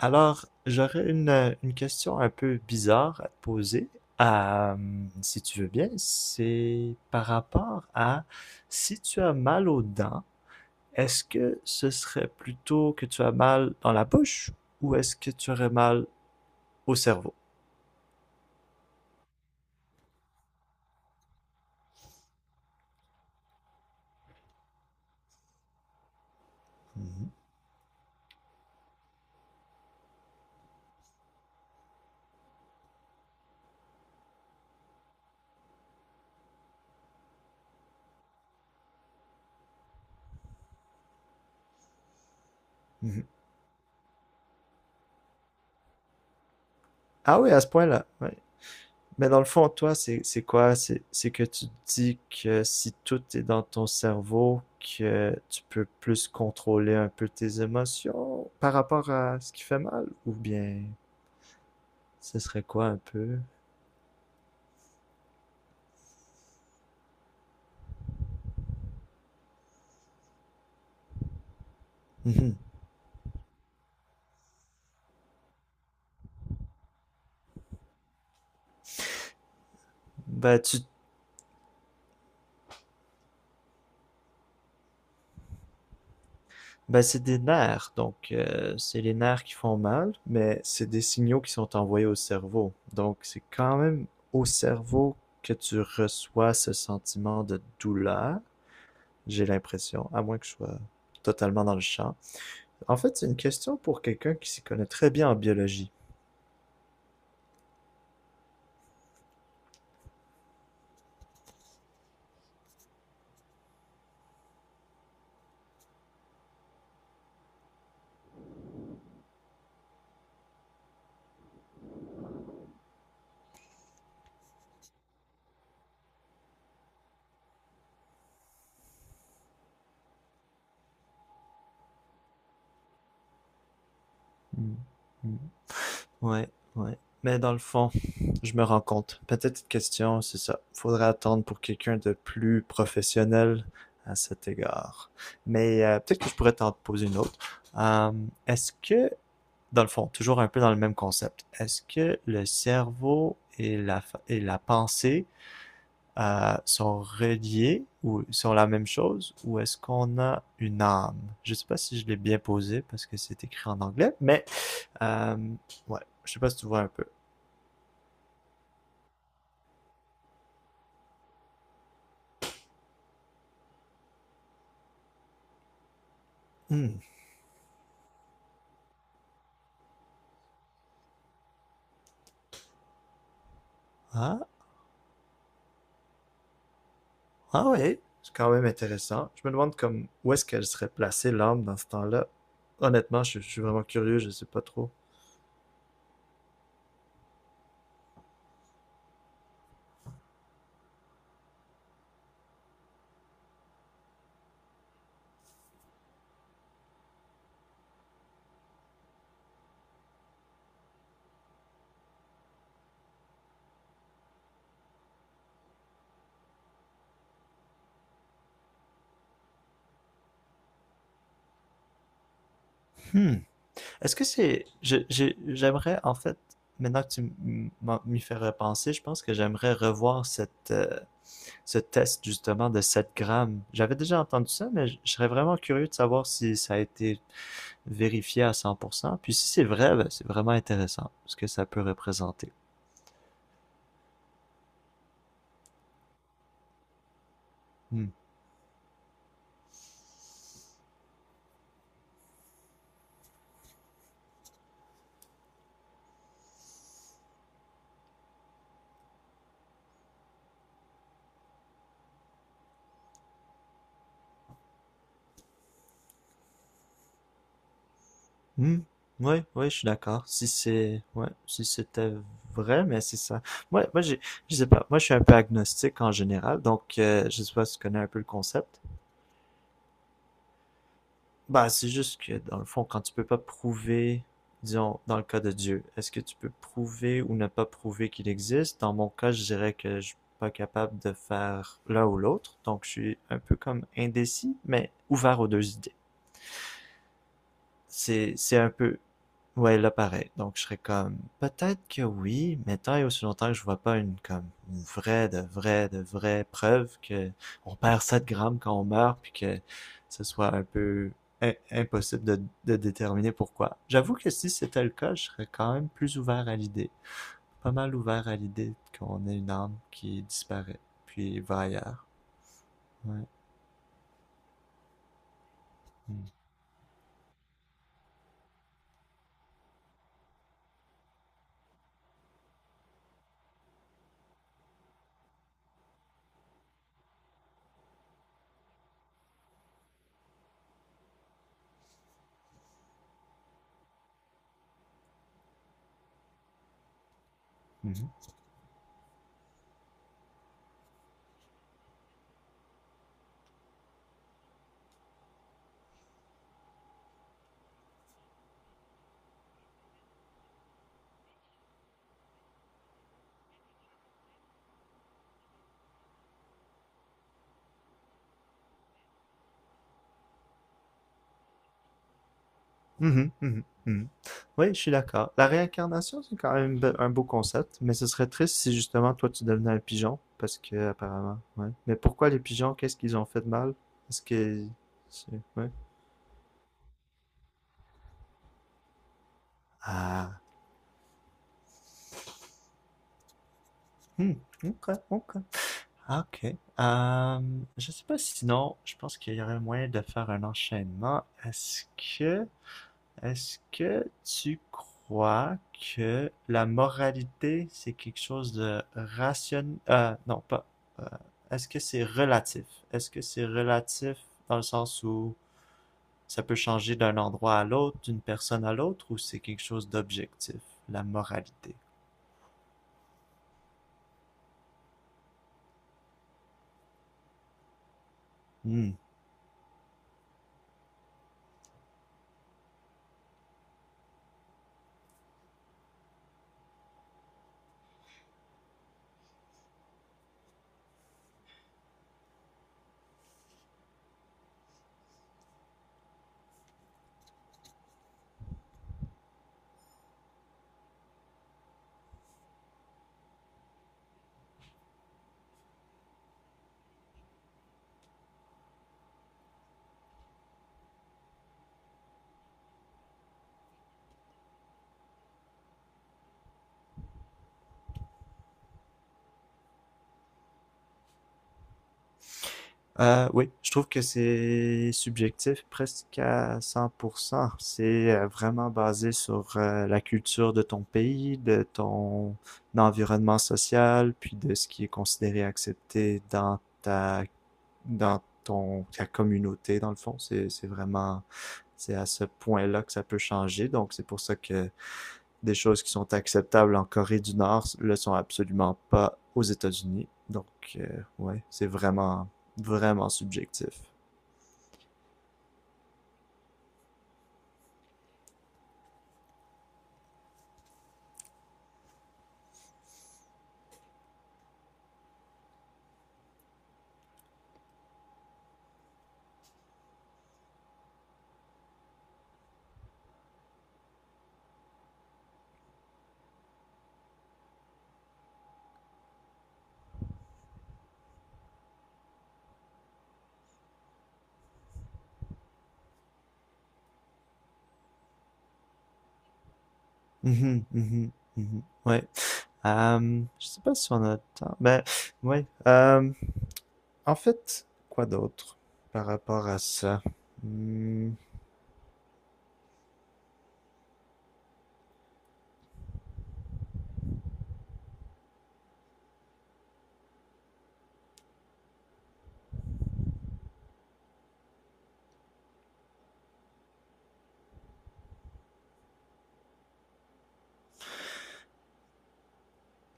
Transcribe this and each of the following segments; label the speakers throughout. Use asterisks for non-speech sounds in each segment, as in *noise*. Speaker 1: Alors, j'aurais une question un peu bizarre à te poser. Euh, si tu veux bien, c'est par rapport à si tu as mal aux dents, est-ce que ce serait plutôt que tu as mal dans la bouche ou est-ce que tu aurais mal au cerveau? Mhm. Mhm. Ah oui, à ce point-là. Ouais. Mais dans le fond, toi, c'est quoi? C'est que tu dis que si tout est dans ton cerveau, que tu peux plus contrôler un peu tes émotions par rapport à ce qui fait mal, ou bien ce serait quoi un peu? *laughs* Ben, tu, ben, c'est des nerfs, donc c'est les nerfs qui font mal, mais c'est des signaux qui sont envoyés au cerveau. Donc c'est quand même au cerveau que tu reçois ce sentiment de douleur, j'ai l'impression, à moins que je sois totalement dans le champ. En fait, c'est une question pour quelqu'un qui s'y connaît très bien en biologie. Hmm. Hmm. Ouais, ouais. Mais dans le fond, je me rends compte. Peut-être question, c'est ça. Faudrait attendre pour quelqu'un de plus professionnel à cet égard. Mais peut-être que je pourrais t'en poser une autre. Euh, est-ce que, dans le fond, toujours un peu dans le même concept, est-ce que le cerveau et la pensée sont reliés ou sont la même chose ou est-ce qu'on a une âme? Je sais pas si je l'ai bien posé parce que c'est écrit en anglais, mais euh, ouais, je sais pas si tu vois un peu. Hmm. Ah, ah, ouais, c'est quand même intéressant. Je me demande comme où est-ce qu'elle serait placée l'âme dans ce temps-là. Honnêtement, je suis vraiment curieux, je sais pas trop. Hmm. Est-ce que c'est, je- j'ai- J'aimerais en fait maintenant que tu m'y fais repenser, je pense que j'aimerais revoir ce test justement de 7 grammes. J'avais déjà entendu ça, mais je serais vraiment curieux de savoir si ça a été vérifié à 100%. Puis si c'est vrai, ben, c'est vraiment intéressant ce que ça peut représenter. Hmm. Hmm. Oui, oui, je suis d'accord. Si c'est, Ouais, si c'était vrai, mais c'est ça. Moi, je sais pas. Moi, je suis un peu agnostique en général, donc je sais pas si tu connais un peu le concept. Bah, c'est juste que, dans le fond, quand tu peux pas prouver, disons, dans le cas de Dieu, est-ce que tu peux prouver ou ne pas prouver qu'il existe? Dans mon cas, je dirais que je suis pas capable de faire l'un ou l'autre, donc je suis un peu comme indécis, mais ouvert aux deux idées. C'est un peu... Ouais, là, pareil. Donc, je serais comme, peut-être que oui, mais tant et aussi longtemps que je vois pas une, comme, une vraie, de vraie preuve que on perd 7 grammes quand on meurt, puis que ce soit un peu impossible de déterminer pourquoi. J'avoue que si c'était le cas, je serais quand même plus ouvert à l'idée. Pas mal ouvert à l'idée qu'on ait une âme qui disparaît, puis va ailleurs. Ouais. Mhm. Mhm. Mhm, mhm, mhm. Oui, je suis d'accord. La réincarnation, c'est quand même un beau concept, mais ce serait triste si justement toi tu devenais un pigeon, parce que apparemment, ouais. Mais pourquoi les pigeons, qu'est-ce qu'ils ont fait de mal? Est-ce que ouais. Ah, hmm, ok, ok. Ah, ok. Euh, je sais pas si sinon, je pense qu'il y aurait moyen de faire un enchaînement. Que Est-ce que tu crois que la moralité, c'est quelque chose de rationnel? Non, pas. euh, est-ce que c'est relatif? Est-ce que c'est relatif? Dans le sens où ça peut changer d'un endroit à l'autre, d'une personne à l'autre, ou c'est quelque chose d'objectif, la moralité? Hmm. Oui, je trouve que c'est subjectif presque à 100%. C'est vraiment basé sur la culture de ton pays, de ton environnement social, puis de ce qui est considéré accepté dans ta communauté, dans le fond. C'est vraiment. C'est à ce point-là que ça peut changer. Donc, c'est pour ça que des choses qui sont acceptables en Corée du Nord le sont absolument pas aux États-Unis. Donc, euh, ouais, c'est vraiment, vraiment subjectif. Mhm, mhm, mhm. Ouais. Je sais pas si on a le temps. Ben, ouais. En fait, quoi d'autre par rapport à ça? Hmm.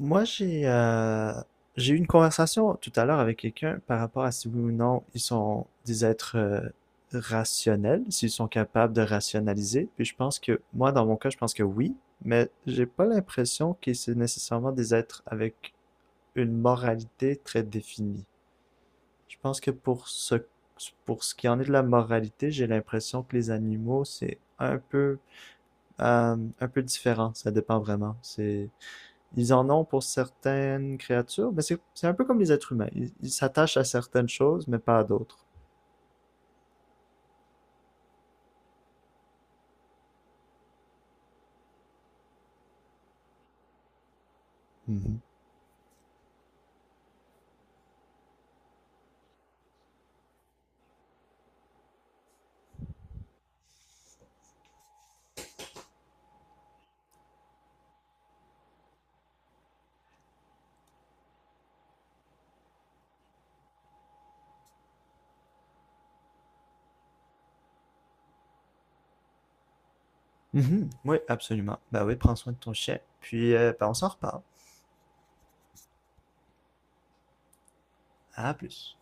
Speaker 1: Moi, j'ai eu une conversation tout à l'heure avec quelqu'un par rapport à si oui ou non ils sont des êtres rationnels, s'ils sont capables de rationaliser. Puis je pense que, moi, dans mon cas, je pense que oui, mais j'ai pas l'impression que c'est nécessairement des êtres avec une moralité très définie. Je pense que pour ce qui en est de la moralité, j'ai l'impression que les animaux, c'est un peu différent. Ça dépend vraiment. C'est Ils en ont pour certaines créatures, mais c'est un peu comme les êtres humains. Ils s'attachent à certaines choses, mais pas à d'autres. Mhm. Mhm. Oui, absolument. Bah oui, prends soin de ton chien. Puis, bah, on s'en reparle. À plus.